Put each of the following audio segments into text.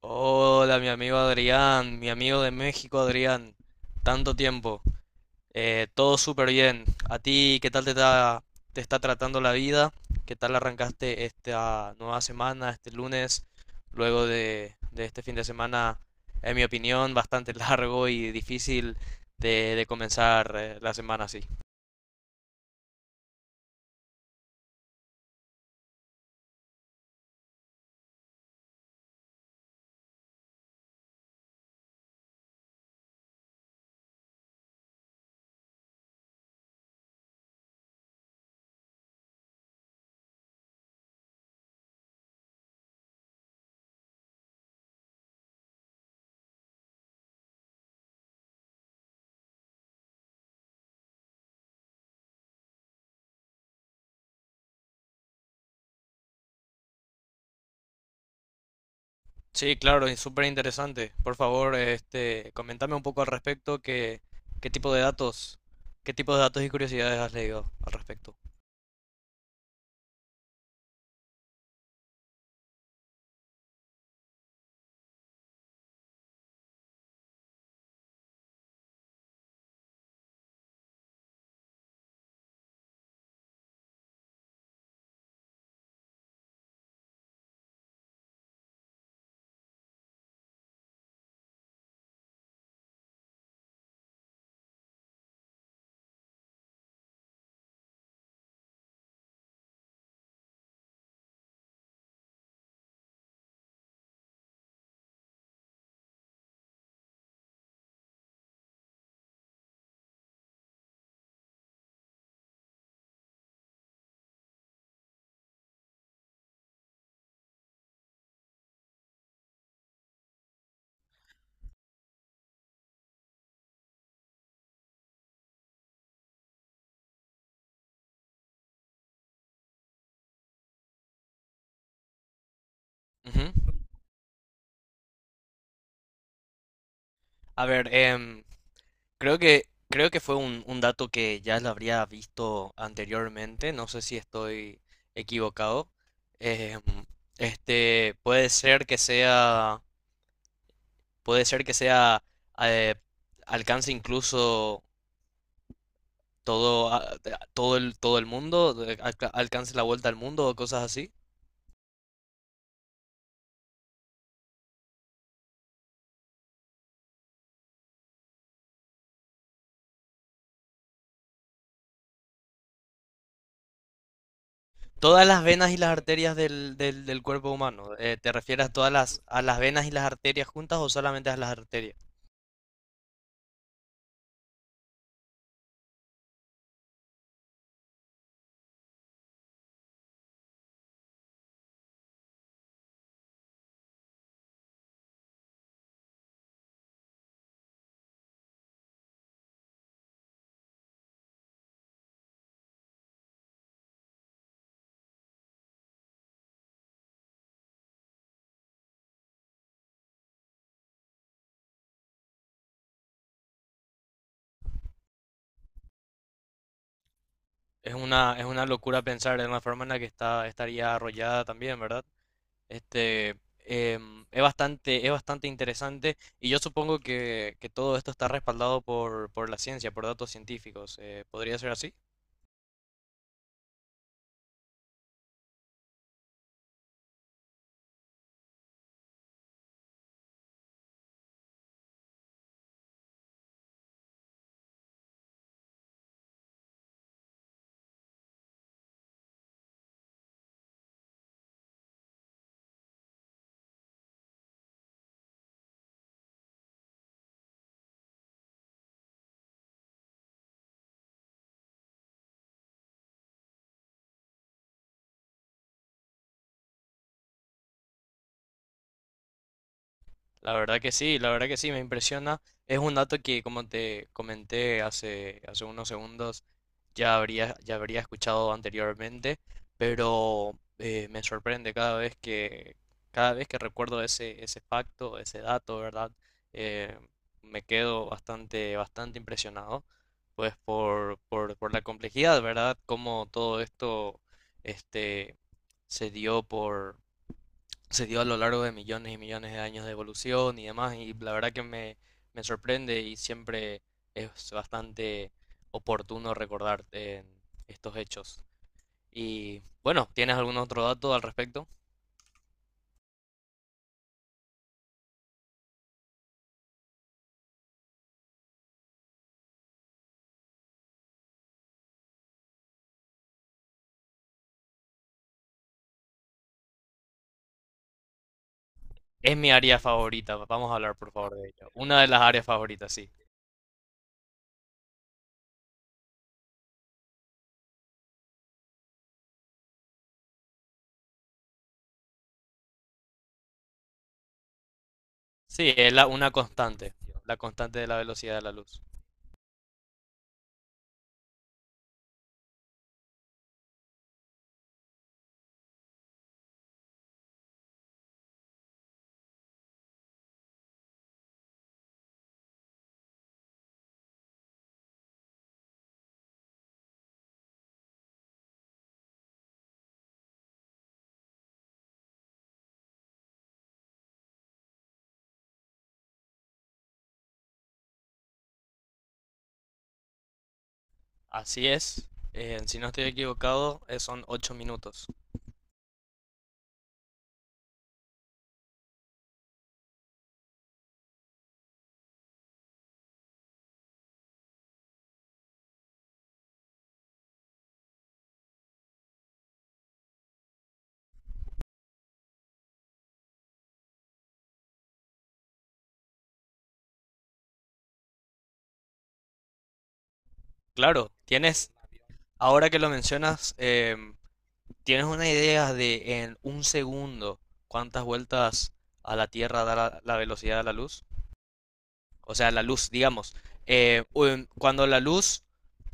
Hola, mi amigo Adrián, mi amigo de México Adrián, tanto tiempo. Todo súper bien. ¿A ti qué tal te está tratando la vida? ¿Qué tal arrancaste esta nueva semana, este lunes, luego de este fin de semana, en mi opinión, bastante largo y difícil de comenzar la semana así? Sí, claro, es súper interesante. Por favor, este, coméntame un poco al respecto, qué tipo de datos, qué tipo de datos y curiosidades has leído al respecto. Ujú. A ver, creo que fue un dato que ya lo habría visto anteriormente, no sé si estoy equivocado. Em, este, puede ser que sea, eh, alcance incluso todo, a- todo todo el mundo, alcance la vuelta al mundo o cosas así. Todas las venas y las arterias del cuerpo humano. ¿Te refieres a todas a las venas y las arterias juntas o solamente a las arterias? Es una locura pensar en la forma en la que está, estaría arrollada también, ¿verdad? Este, es bastante interesante y yo supongo que todo esto está respaldado por la ciencia, por datos científicos. ¿Podría ser así? La verdad que sí, la verdad que sí, me impresiona. Es un dato que, como te comenté hace, hace unos segundos, ya habría escuchado anteriormente, pero me sorprende cada vez que recuerdo ese, ese facto, ese dato, ¿verdad? Eh, Me quedo bastante, bastante impresionado, pues por la complejidad, ¿verdad? Cómo todo esto, este, se dio se dio a lo largo de millones y millones de años de evolución y demás, y la verdad que me sorprende y siempre es bastante oportuno recordar estos hechos. Y bueno, ¿tienes algún otro dato al respecto? Es mi área favorita, vamos a hablar por favor de ello. Una de las áreas favoritas, sí. Sí, es una constante, la constante de la velocidad de la luz. Así es, si no estoy equivocado, son 8 minutos. Claro, tienes, ahora que lo mencionas, ¿tienes una idea de en un segundo cuántas vueltas a la Tierra da la velocidad de la luz? O sea, la luz, digamos. Cuando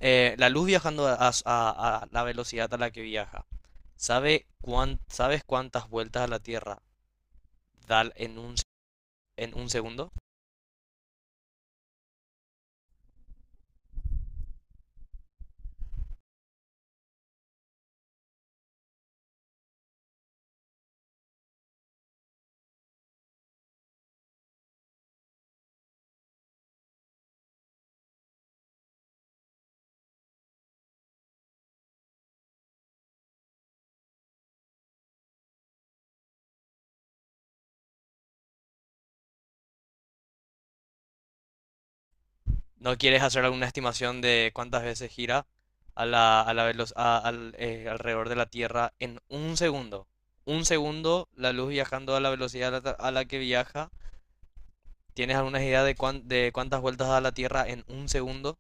la luz viajando a la velocidad a la que viaja, ¿sabes cuántas vueltas a la Tierra da en un segundo? ¿No quieres hacer alguna estimación de cuántas veces gira a la alrededor de la Tierra en un segundo? Un segundo, la luz viajando a la velocidad a la que viaja. ¿Tienes alguna idea de de cuántas vueltas da la Tierra en un segundo?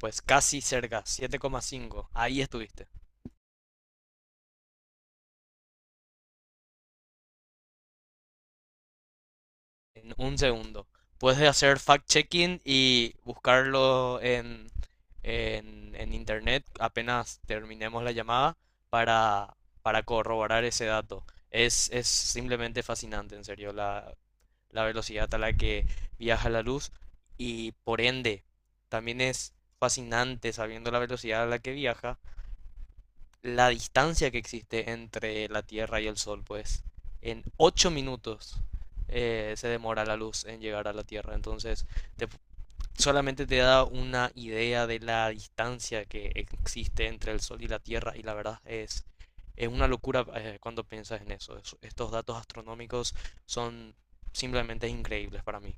Pues casi cerca, 7,5. Ahí estuviste. En un segundo. Puedes hacer fact-checking y buscarlo en internet apenas terminemos la llamada para, para corroborar ese dato. Es simplemente fascinante, en serio, la velocidad a la que viaja la luz y por ende también es fascinante sabiendo la velocidad a la que viaja la distancia que existe entre la Tierra y el Sol, pues en 8 minutos se demora la luz en llegar a la Tierra. Entonces, te- solamente te da una idea de la distancia que existe entre el Sol y la Tierra y la verdad es una locura cuando piensas en eso. Estos datos astronómicos son simplemente increíbles para mí.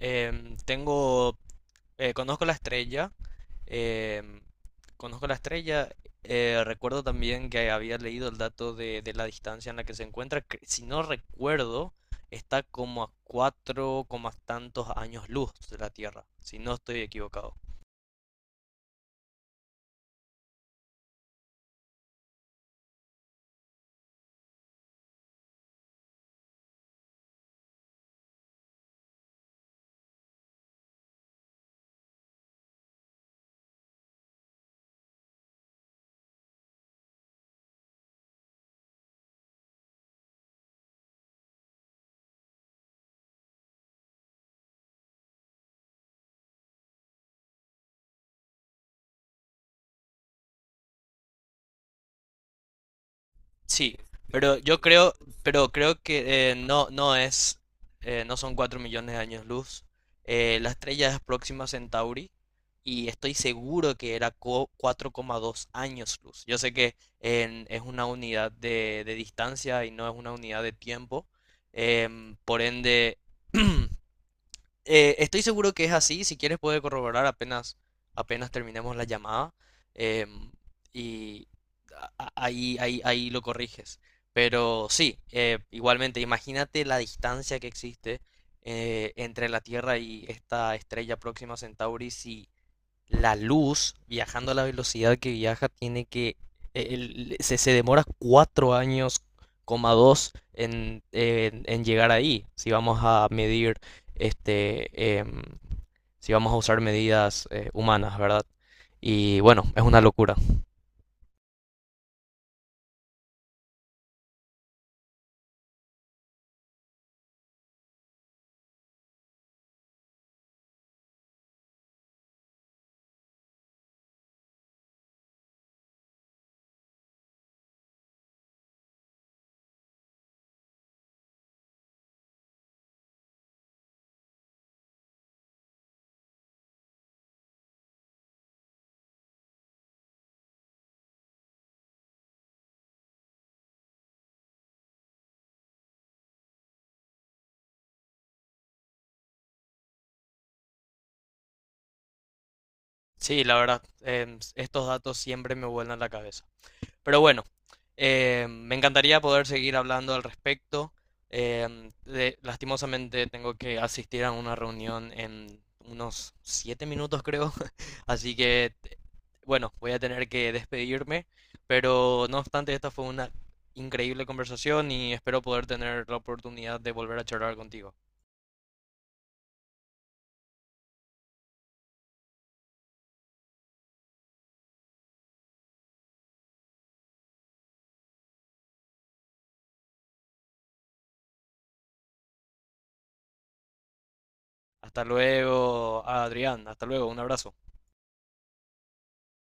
Em, tengo, Conozco la estrella. Em, Conozco la estrella. Recuerdo también que había leído el dato de la distancia en la que se encuentra. Si no recuerdo, está como a cuatro coma tantos años luz de la Tierra, si no estoy equivocado. Sí, pero yo creo, pero creo que no es, no son 4 millones de años luz. La estrella es Próxima Centauri y estoy seguro que era 4,2 años luz. Yo sé que es una unidad de distancia y no es una unidad de tiempo. Por ende, estoy seguro que es así, si quieres puede corroborar apenas terminemos la llamada em, y ahí, ahí lo corriges. Pero sí, igualmente, imagínate la distancia que existe entre la Tierra y esta estrella próxima a Centauri si la luz, viajando a la velocidad que viaja, tiene que, e, el- se demora cuatro años, coma dos, en llegar ahí. Si vamos a medir, este, em, si vamos a usar medidas humanas, ¿verdad? Y bueno, es una locura. Sí, la verdad, estos datos siempre me vuelan la cabeza. Pero bueno, me encantaría poder seguir hablando al respecto. Lastimosamente tengo que asistir a una reunión en unos 7 minutos, creo. Así que, bueno, voy a tener que despedirme. Pero no obstante, esta fue una increíble conversación y espero poder tener la oportunidad de volver a charlar contigo. Hasta luego, Adrián. Hasta luego. Un abrazo.